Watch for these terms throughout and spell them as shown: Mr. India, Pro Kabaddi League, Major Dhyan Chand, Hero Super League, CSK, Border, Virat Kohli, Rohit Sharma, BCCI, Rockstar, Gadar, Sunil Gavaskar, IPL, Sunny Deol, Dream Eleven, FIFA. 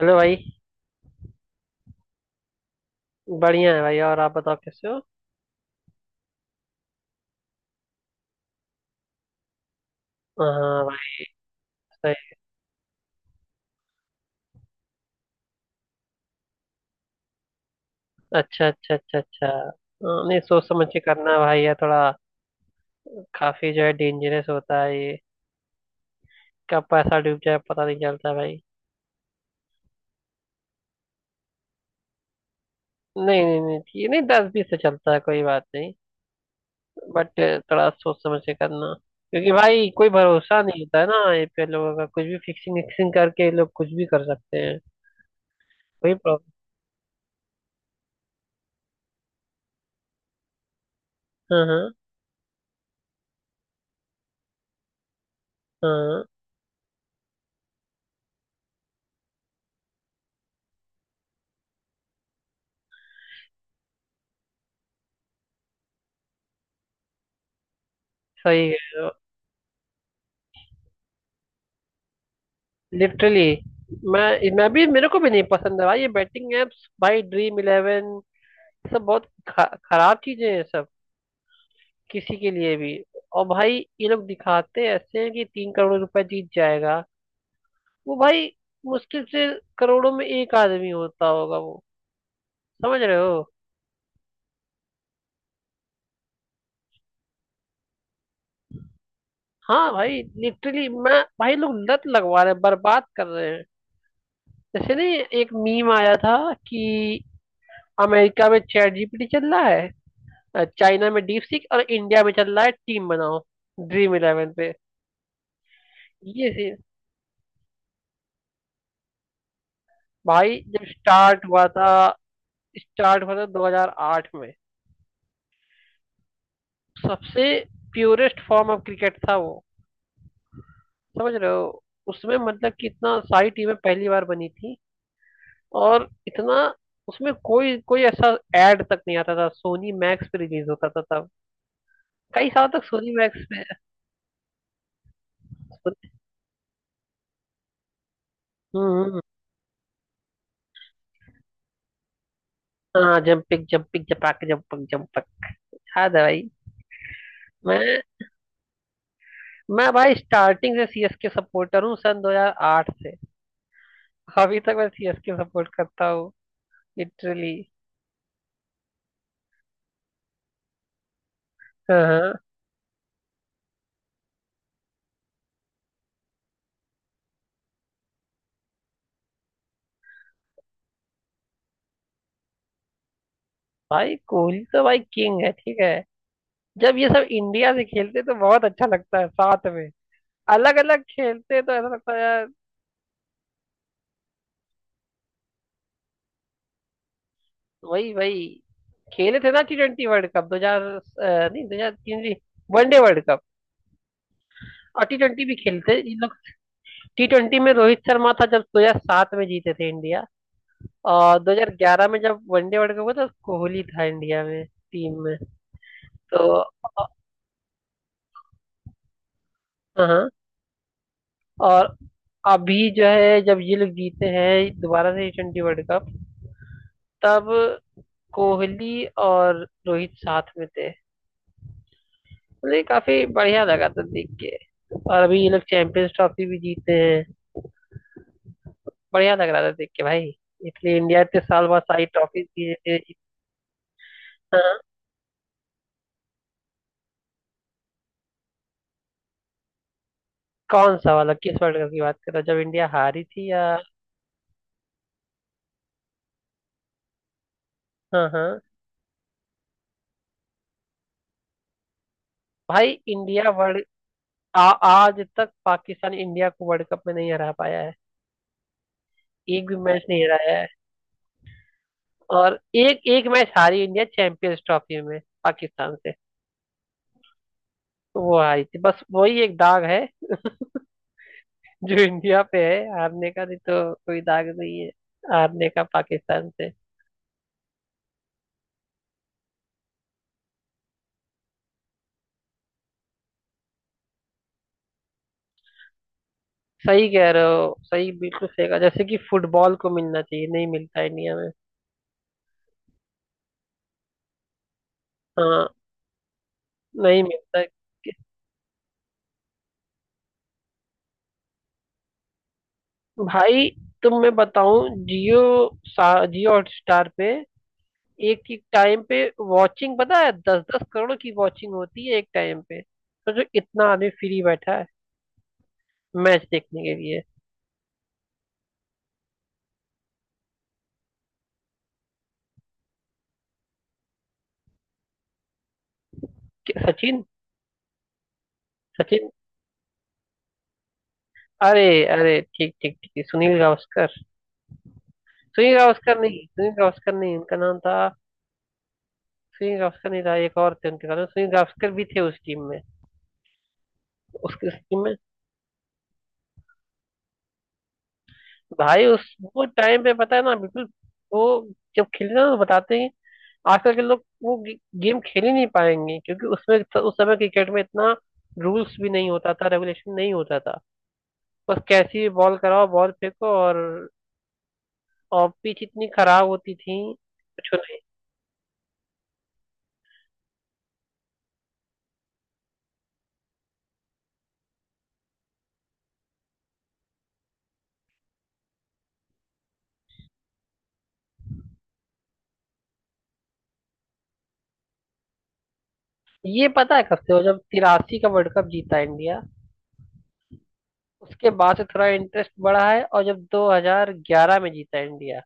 Hello भाई। बढ़िया है भाई। और आप बताओ कैसे हो? हाँ भाई। सही। अच्छा अच्छा अच्छा अच्छा हाँ, नहीं सोच समझ के करना भाई, ये थोड़ा काफी जो है डेंजरस होता है ये। कब पैसा डूब जाए पता नहीं चलता भाई। नहीं नहीं नहीं, ये नहीं दस बीस से चलता है, कोई बात नहीं। बट थोड़ा सोच समझ के करना, क्योंकि भाई कोई भरोसा नहीं होता है ना ये पे लोगों का। कुछ भी फिक्सिंग विक्सिंग करके ये लोग कुछ भी कर सकते हैं। कोई प्रॉब्लम। हाँ हाँ हाँ। सही है। लिटरली मैं भी मेरे को भी नहीं पसंद है भाई ये बैटिंग एप्स, भाई ड्रीम इलेवन। सब बहुत खराब चीजें हैं सब, किसी के लिए भी। और भाई ये लोग दिखाते ऐसे हैं कि 3 करोड़ रुपए जीत जाएगा वो भाई। मुश्किल से करोड़ों में एक आदमी होता होगा वो। समझ रहे हो। हाँ भाई, लिटरली मैं भाई लोग लत लगवा रहे हैं, बर्बाद कर रहे हैं। जैसे नहीं एक मीम आया था कि अमेरिका में चैट जीपीटी चल रहा है, चाइना में डीप सीक, और इंडिया में चल रहा है टीम बनाओ ड्रीम इलेवन पे। ये सीन भाई। जब स्टार्ट हुआ था 2008 में। सबसे प्योरेस्ट फॉर्म ऑफ क्रिकेट था वो। समझ रहे हो? उसमें मतलब कि इतना सारी टीमें पहली बार बनी थी। और इतना उसमें कोई कोई ऐसा एड तक नहीं आता था। सोनी मैक्स पे रिलीज होता था तब, कई साल तक सोनी मैक्स पे। हम्म। हाँ जंपिक जंपिक जपाक जंपक जंपक, याद है भाई। मैं मैं भाई स्टार्टिंग से सीएसके सपोर्टर हूँ सन 2008 से। अभी तक मैं सीएसके सपोर्ट करता हूँ। लिटरली। हाँ हाँ। भाई कोहली तो भाई किंग है, ठीक है। जब ये सब इंडिया से खेलते तो बहुत अच्छा लगता है साथ में। अलग अलग खेलते तो ऐसा लगता है यार। वही वही खेले थे ना टी ट्वेंटी वर्ल्ड कप दो हजार नहीं, 2003 वनडे वर्ल्ड कप। और टी ट्वेंटी भी खेलते इन लोग। टी ट्वेंटी में रोहित शर्मा था जब 2007 में जीते थे इंडिया। और 2011 में जब वनडे वर्ल्ड कप हुआ था कोहली था इंडिया में, टीम में। तो हाँ हाँ, और अभी जो है जब ये लोग जीते हैं दोबारा से टी वर्ल्ड कप, तब कोहली और रोहित साथ में थे। मतलब ये काफी बढ़िया लगा था देख के। और अभी ये लोग चैंपियंस ट्रॉफी भी जीते हैं। बढ़िया लग रहा था देख के भाई। इसलिए इंडिया इतने साल बाद सारी ट्रॉफी जीते। हाँ, कौन सा वाला किस वर्ल्ड कप की बात कर रहे हो, जब इंडिया हारी थी या? हाँ हाँ। भाई इंडिया वर्ल्ड, आज तक पाकिस्तान इंडिया को वर्ल्ड कप में नहीं हरा पाया है। एक भी मैच नहीं हराया है। और एक एक मैच हारी इंडिया चैंपियंस ट्रॉफी में पाकिस्तान से। तो वो हारी थी, बस वही एक दाग है जो इंडिया पे है हारने का, नहीं तो कोई दाग नहीं है हारने का पाकिस्तान से। सही कह रहे हो, सही, बिल्कुल सही कहा। जैसे कि फुटबॉल को मिलना चाहिए, नहीं मिलता इंडिया में। हाँ। नहीं मिलता भाई। तुम मैं बताऊं जियो, सा जियो हॉटस्टार पे एक एक टाइम पे वॉचिंग पता है दस दस करोड़ की वॉचिंग होती है एक टाइम पे। तो जो इतना आदमी फ्री बैठा है मैच देखने के लिए। सचिन सचिन अरे अरे, ठीक ठीक ठीक, सुनील गावस्कर। सुनील गावस्कर नहीं, सुनील गावस्कर नहीं उनका नाम था। सुनील गावस्कर नहीं था, एक और थे उनके साथ में, सुनील गावस्कर भी थे उस टीम में, उसकी टीम में। भाई उस वो टाइम पे पता है ना बिल्कुल। वो जब खेलते ना तो बताते हैं। आजकल के लोग वो गेम खेल ही नहीं पाएंगे, क्योंकि उसमें उस समय क्रिकेट में इतना रूल्स भी नहीं होता था, रेगुलेशन नहीं होता था। बस कैसी बॉल कराओ, बॉल फेंको। और पिच इतनी खराब होती थी, कुछ नहीं। ये पता है कब से हो? जब 83 का वर्ल्ड कप जीता इंडिया, उसके बाद से थोड़ा इंटरेस्ट बढ़ा है, और जब 2011 में जीता इंडिया।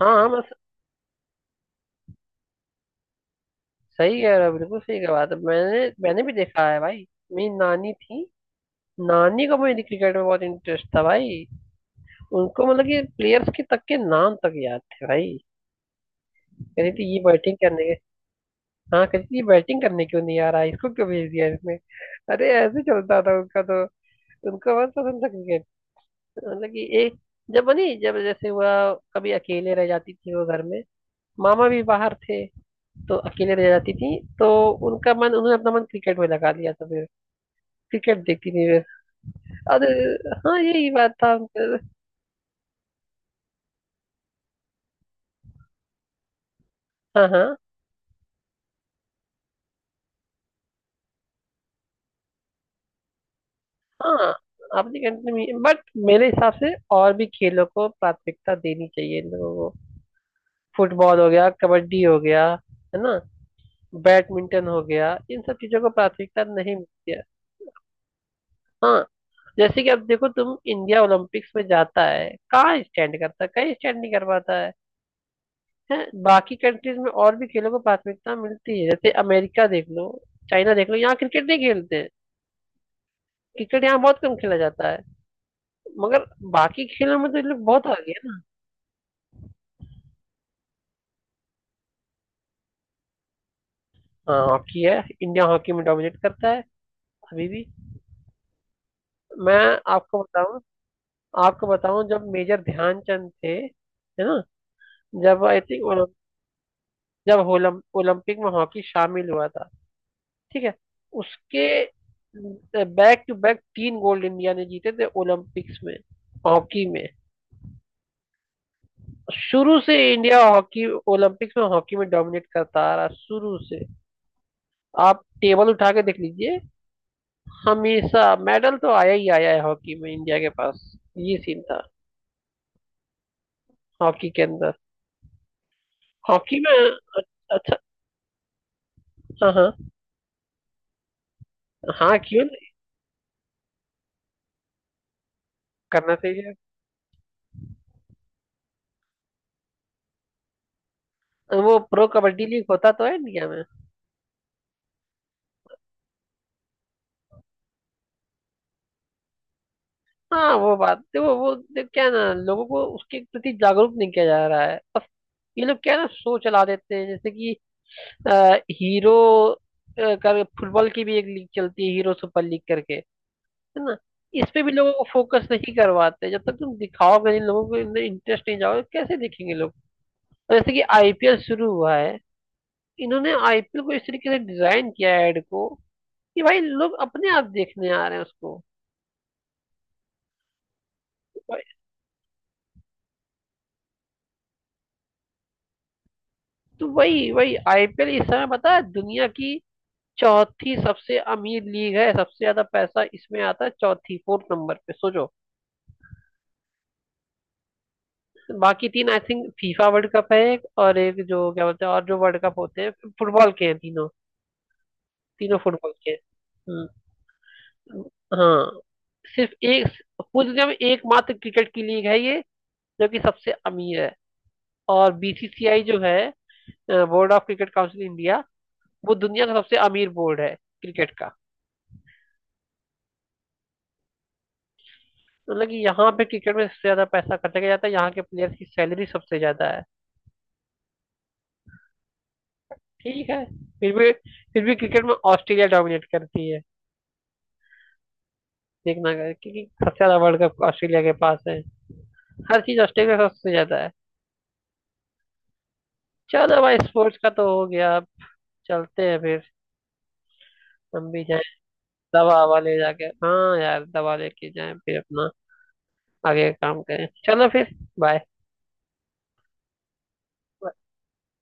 हाँ हाँ, मैं सही कह रहा, बिल्कुल सही कह, बात है। मैंने मैंने भी देखा है भाई। मेरी नानी थी, नानी को मेरी क्रिकेट में बहुत इंटरेस्ट था भाई। उनको मतलब कि प्लेयर्स के तक के नाम तक याद थे भाई। कहती थी ये बैटिंग करने के, हाँ, कहती थी ये बैटिंग करने क्यों नहीं आ रहा है? इसको क्यों भेज दिया इसमें? अरे, ऐसे चलता था उनका तो। उनको बहुत पसंद था क्रिकेट। मतलब कि एक, जब बनी जब जैसे हुआ, कभी अकेले रह जाती थी वो घर में, मामा भी बाहर थे, तो अकेले रह जाती थी। तो उनका मन उन्होंने अपना मन क्रिकेट में लगा लिया था फिर, क्रिकेट देखती नहीं मैं। और हाँ, यही बात था अंकल। हाँ हाँ हाँ। आपने कंटिन्यू, बट मेरे हिसाब से और भी खेलों को प्राथमिकता देनी चाहिए इन लोगों को। फुटबॉल हो गया, कबड्डी हो गया, है ना, बैडमिंटन हो गया, इन सब चीजों को प्राथमिकता नहीं मिलती है। हाँ, जैसे कि अब देखो तुम इंडिया ओलंपिक्स में जाता है, कहाँ स्टैंड करता है, कहीं स्टैंड नहीं कर पाता है। हैं? बाकी कंट्रीज में और भी खेलों को प्राथमिकता मिलती है, जैसे अमेरिका देख लो, चाइना देख लो, यहाँ क्रिकेट नहीं खेलते हैं। क्रिकेट यहाँ बहुत कम खेला जाता है। मगर बाकी खेलों में तो ये लोग बहुत आगे हैं ना। हाँ हॉकी है। इंडिया हॉकी में डोमिनेट करता है अभी भी। मैं आपको बताऊं आपको बताऊं जब मेजर ध्यानचंद थे है ना, जब आई थिंक जब ओलंपिक में हॉकी शामिल हुआ था, ठीक है, उसके बैक टू बैक तीन गोल्ड इंडिया ने जीते थे ओलंपिक्स में हॉकी में। शुरू से इंडिया हॉकी ओलंपिक्स में हॉकी में डोमिनेट करता आ रहा है, शुरू से। आप टेबल उठा के देख लीजिए, हमेशा मेडल तो आया ही आया है हॉकी में इंडिया के पास। ये सीन था हॉकी के अंदर, हॉकी में। अच्छा, हाँ हाँ हाँ, क्यों नहीं, करना चाहिए। वो प्रो कबड्डी लीग होता तो है इंडिया में। हाँ वो बात, वो देख क्या है ना, लोगों को उसके प्रति जागरूक नहीं किया जा रहा है, बस। ये लोग क्या है ना, शो चला देते हैं जैसे कि अ, हीरो, कर फुटबॉल की भी एक लीग चलती है हीरो सुपर लीग करके, है ना। इस पे भी लोगों को फोकस नहीं करवाते, जब तक तुम दिखाओगे नहीं लोगों को, इनमें इंटरेस्ट नहीं जाओगे कैसे देखेंगे लोग। और जैसे कि आईपीएल शुरू हुआ है, इन्होंने आईपीएल को इस तरीके से डिजाइन किया है एड को, कि भाई लोग अपने आप देखने आ रहे हैं उसको। तो वही वही आईपीएल इस समय पता है दुनिया की चौथी सबसे अमीर लीग है, सबसे ज्यादा पैसा इसमें आता है, चौथी फोर्थ नंबर पे, सोचो। बाकी तीन I think FIFA World Cup है एक, और एक जो क्या बोलते हैं, और जो वर्ल्ड कप होते हैं फुटबॉल के, हैं तीनों, तीनों फुटबॉल के। हाँ। सिर्फ एक, पूरी दुनिया में एकमात्र क्रिकेट की लीग है ये, जो कि सबसे अमीर है। और बीसीसीआई जो है board of cricket council India, वो दुनिया का सबसे अमीर बोर्ड है क्रिकेट का। मतलब कि यहाँ पे क्रिकेट में सबसे ज्यादा पैसा खर्चा किया जाता है, यहाँ के प्लेयर्स की सैलरी सबसे ज्यादा है। ठीक है। फिर भी, फिर भी क्रिकेट में ऑस्ट्रेलिया डोमिनेट करती है। देखना अगर- क्योंकि सबसे ज्यादा वर्ल्ड कप ऑस्ट्रेलिया के पास है, हर चीज ऑस्ट्रेलिया का सबसे ज्यादा है। चलो भाई, स्पोर्ट्स का तो हो गया, चलते हैं फिर, हम भी जाएं। दवा हवा ले जाके, हाँ यार दवा लेके जाएं फिर अपना आगे काम करें, चलो फिर। बाय।